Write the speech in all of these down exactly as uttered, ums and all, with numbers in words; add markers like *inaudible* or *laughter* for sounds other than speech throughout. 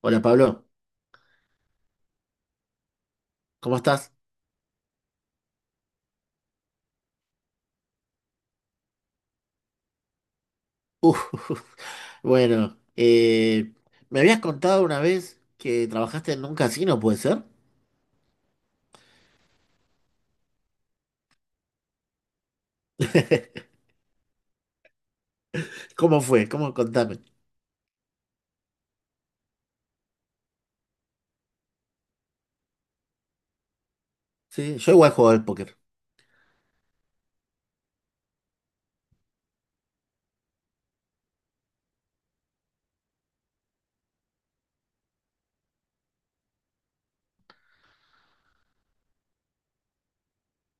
Hola Pablo, ¿cómo estás? Uf, *laughs* bueno, eh, me habías contado una vez que trabajaste en un casino, ¿puede ser? *laughs* ¿Cómo fue? ¿Cómo? Contame. Sí, yo igual juego al póker.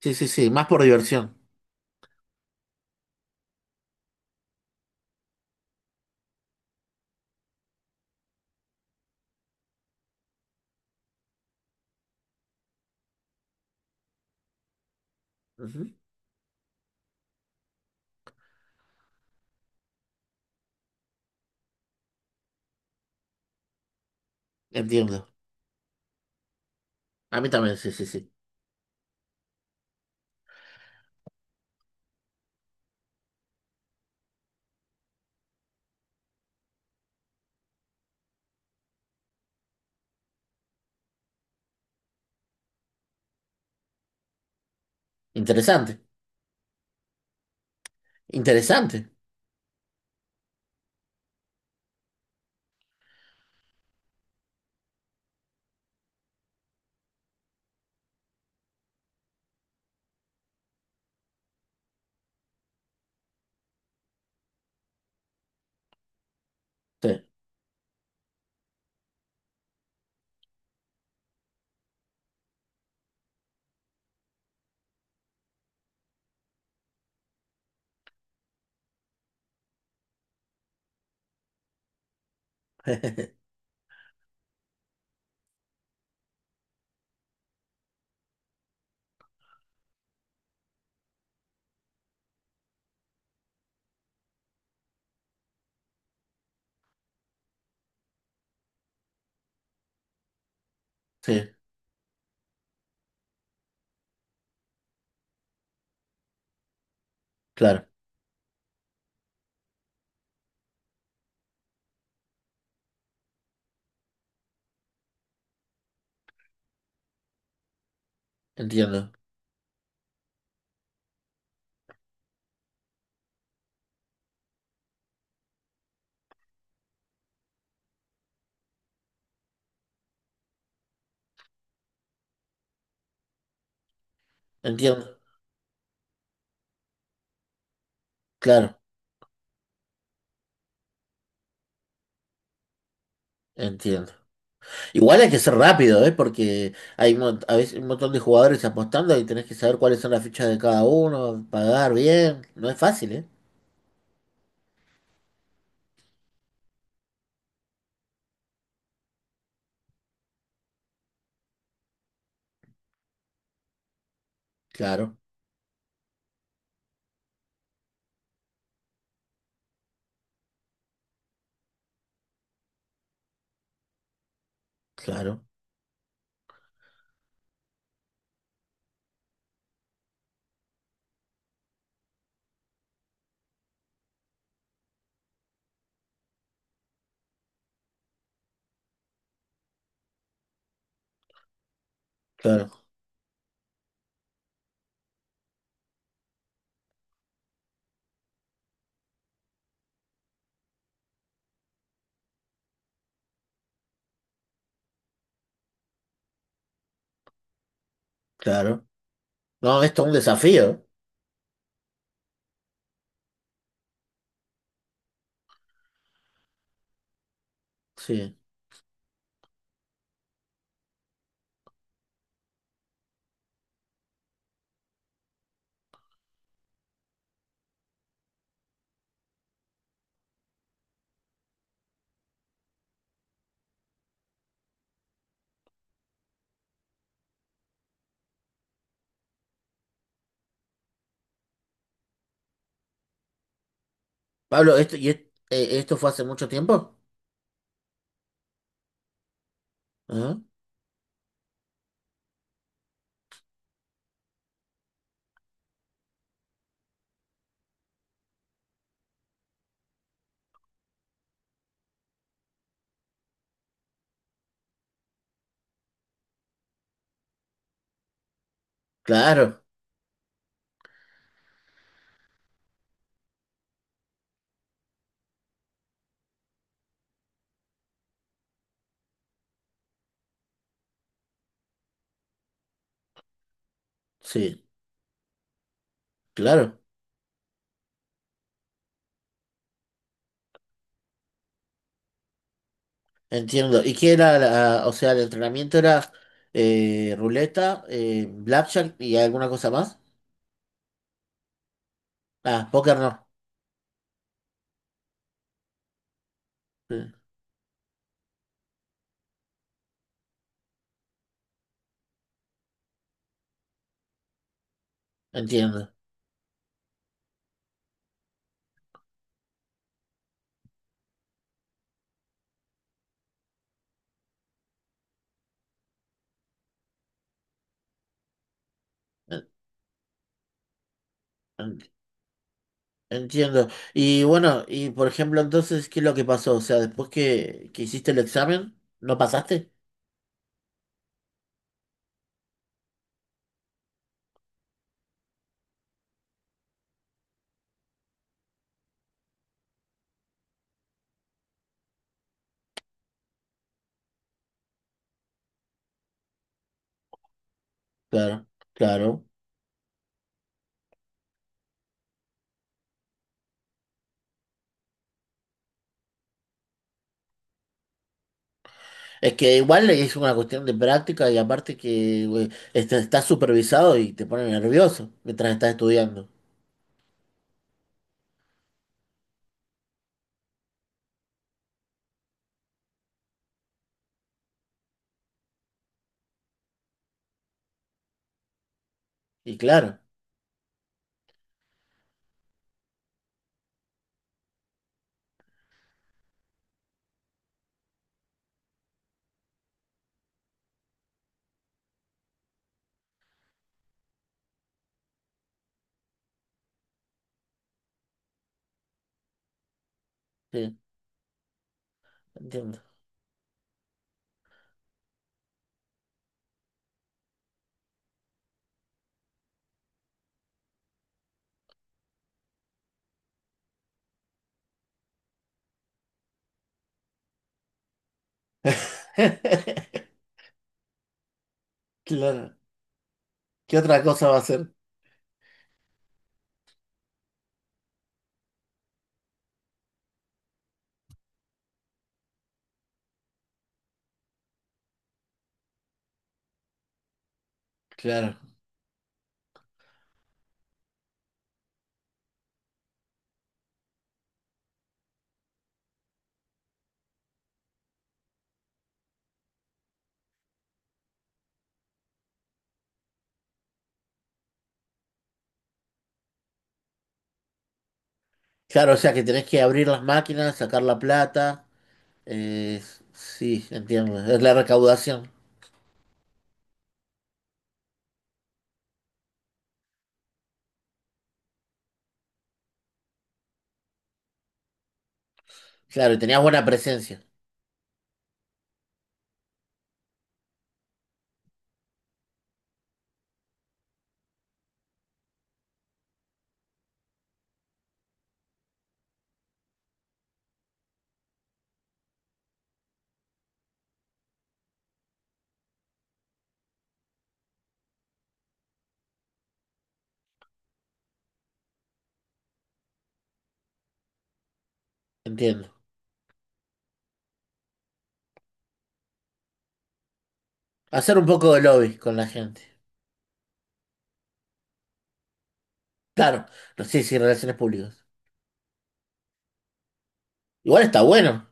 Sí, sí, sí, más por diversión. Ujú. Entiendo. A mí también, sí, sí, sí. Interesante. Interesante. Sí. *laughs* Sí, claro. Entiendo. Entiendo. Claro. Entiendo. Igual hay que ser rápido, ¿eh? Porque hay un mon- a veces un montón de jugadores apostando y tenés que saber cuáles son las fichas de cada uno, pagar bien. No es fácil, ¿eh? Claro, claro, claro, claro. No, esto es un desafío, ¿eh? Sí. Pablo, esto, y es- eh, ¿esto fue hace mucho tiempo? Ajá. Claro, sí, claro. Entiendo. ¿Y qué era la- o sea, el entrenamiento era eh, ruleta, eh, blackjack y alguna cosa más? Ah, póker no. Sí. Entiendo. Entiendo. Y bueno, y por ejemplo, entonces, ¿qué es lo que pasó? O sea, después que, que hiciste el examen, ¿no pasaste? Claro, claro. Es que igual es una cuestión de práctica y aparte que güey, este, estás supervisado y te pone nervioso mientras estás estudiando. Y claro, sí, entiendo. *laughs* Claro. ¿Qué otra cosa va a ser? Claro. Claro, o sea que tenés que abrir las máquinas, sacar la plata. eh, sí, entiendo. Es la recaudación. Claro, y tenías buena presencia. Entiendo. Hacer un poco de lobby con la gente. Claro, no sé si relaciones públicas. Igual está bueno.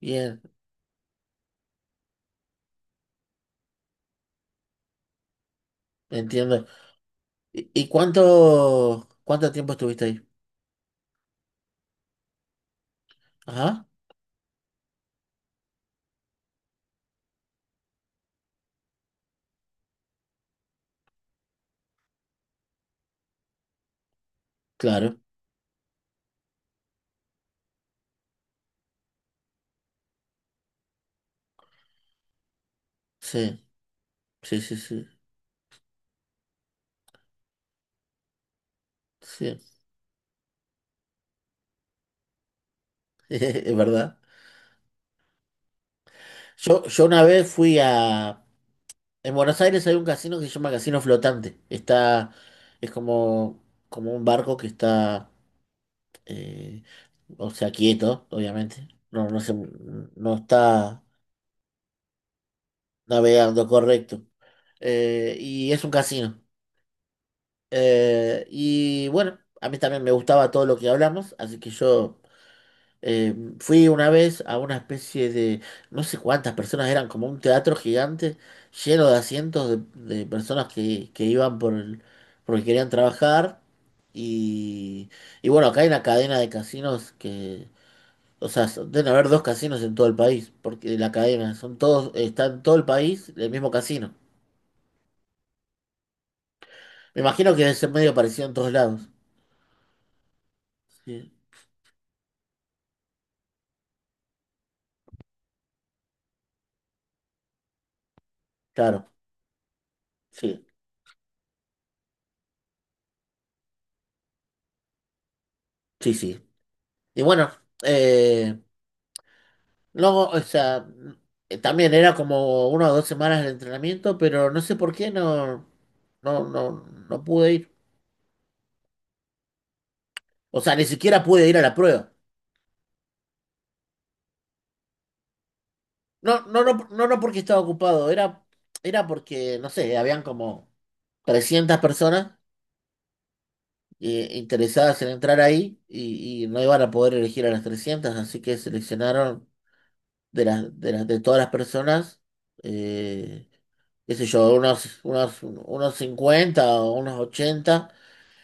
Bien, entiendo. ¿Y, y cuánto, cuánto tiempo estuviste ahí? Ajá, claro. Sí, sí, sí, sí. Sí, *laughs* es verdad. Yo, yo una vez fui a... En Buenos Aires hay un casino que se llama Casino Flotante. Está... Es como, como un barco que está... eh, o sea, quieto, obviamente. No, no se, no está. Navegando, correcto. Eh, y es un casino. Eh, y bueno, a mí también me gustaba todo lo que hablamos, así que yo, eh, fui una vez a una especie de, no sé cuántas personas eran, como un teatro gigante lleno de asientos de, de personas que, que iban por el, porque querían trabajar. Y, y bueno, acá hay una cadena de casinos que, o sea, son- deben haber dos casinos en todo el país, porque la cadena, son todos, está en todo el país el mismo casino. Me imagino que debe ser medio parecido en todos lados. Sí. Claro, sí, sí, sí. Y bueno, eh, luego, o sea, eh, también era como una o dos semanas de entrenamiento, pero no sé por qué no, no, no, no pude ir. O sea, ni siquiera pude ir a la prueba. No, no, no, no, no porque estaba ocupado, era, era porque, no sé, habían como trescientas personas eh, interesadas en entrar ahí y, y no iban a poder elegir a las trescientas, así que seleccionaron de las de las de todas las personas, eh, qué sé yo, unos, unos, unos cincuenta o unos ochenta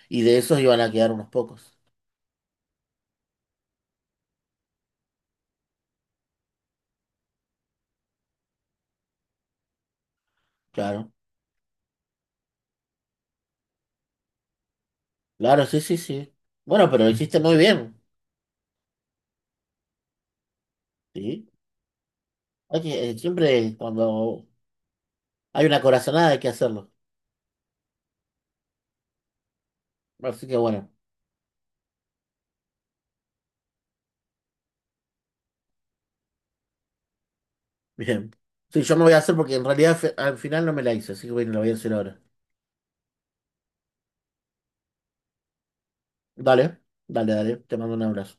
y de esos iban a quedar unos pocos. Claro, claro, sí, sí, sí. Bueno, pero lo hiciste muy bien, ¿sí? Hay que- eh, siempre cuando hay una corazonada hay que hacerlo. Así que bueno, bien. Sí, yo me voy a hacer porque en realidad fe- al final no me la hice, así que bueno, la voy a hacer ahora. Dale, dale, dale, te mando un abrazo.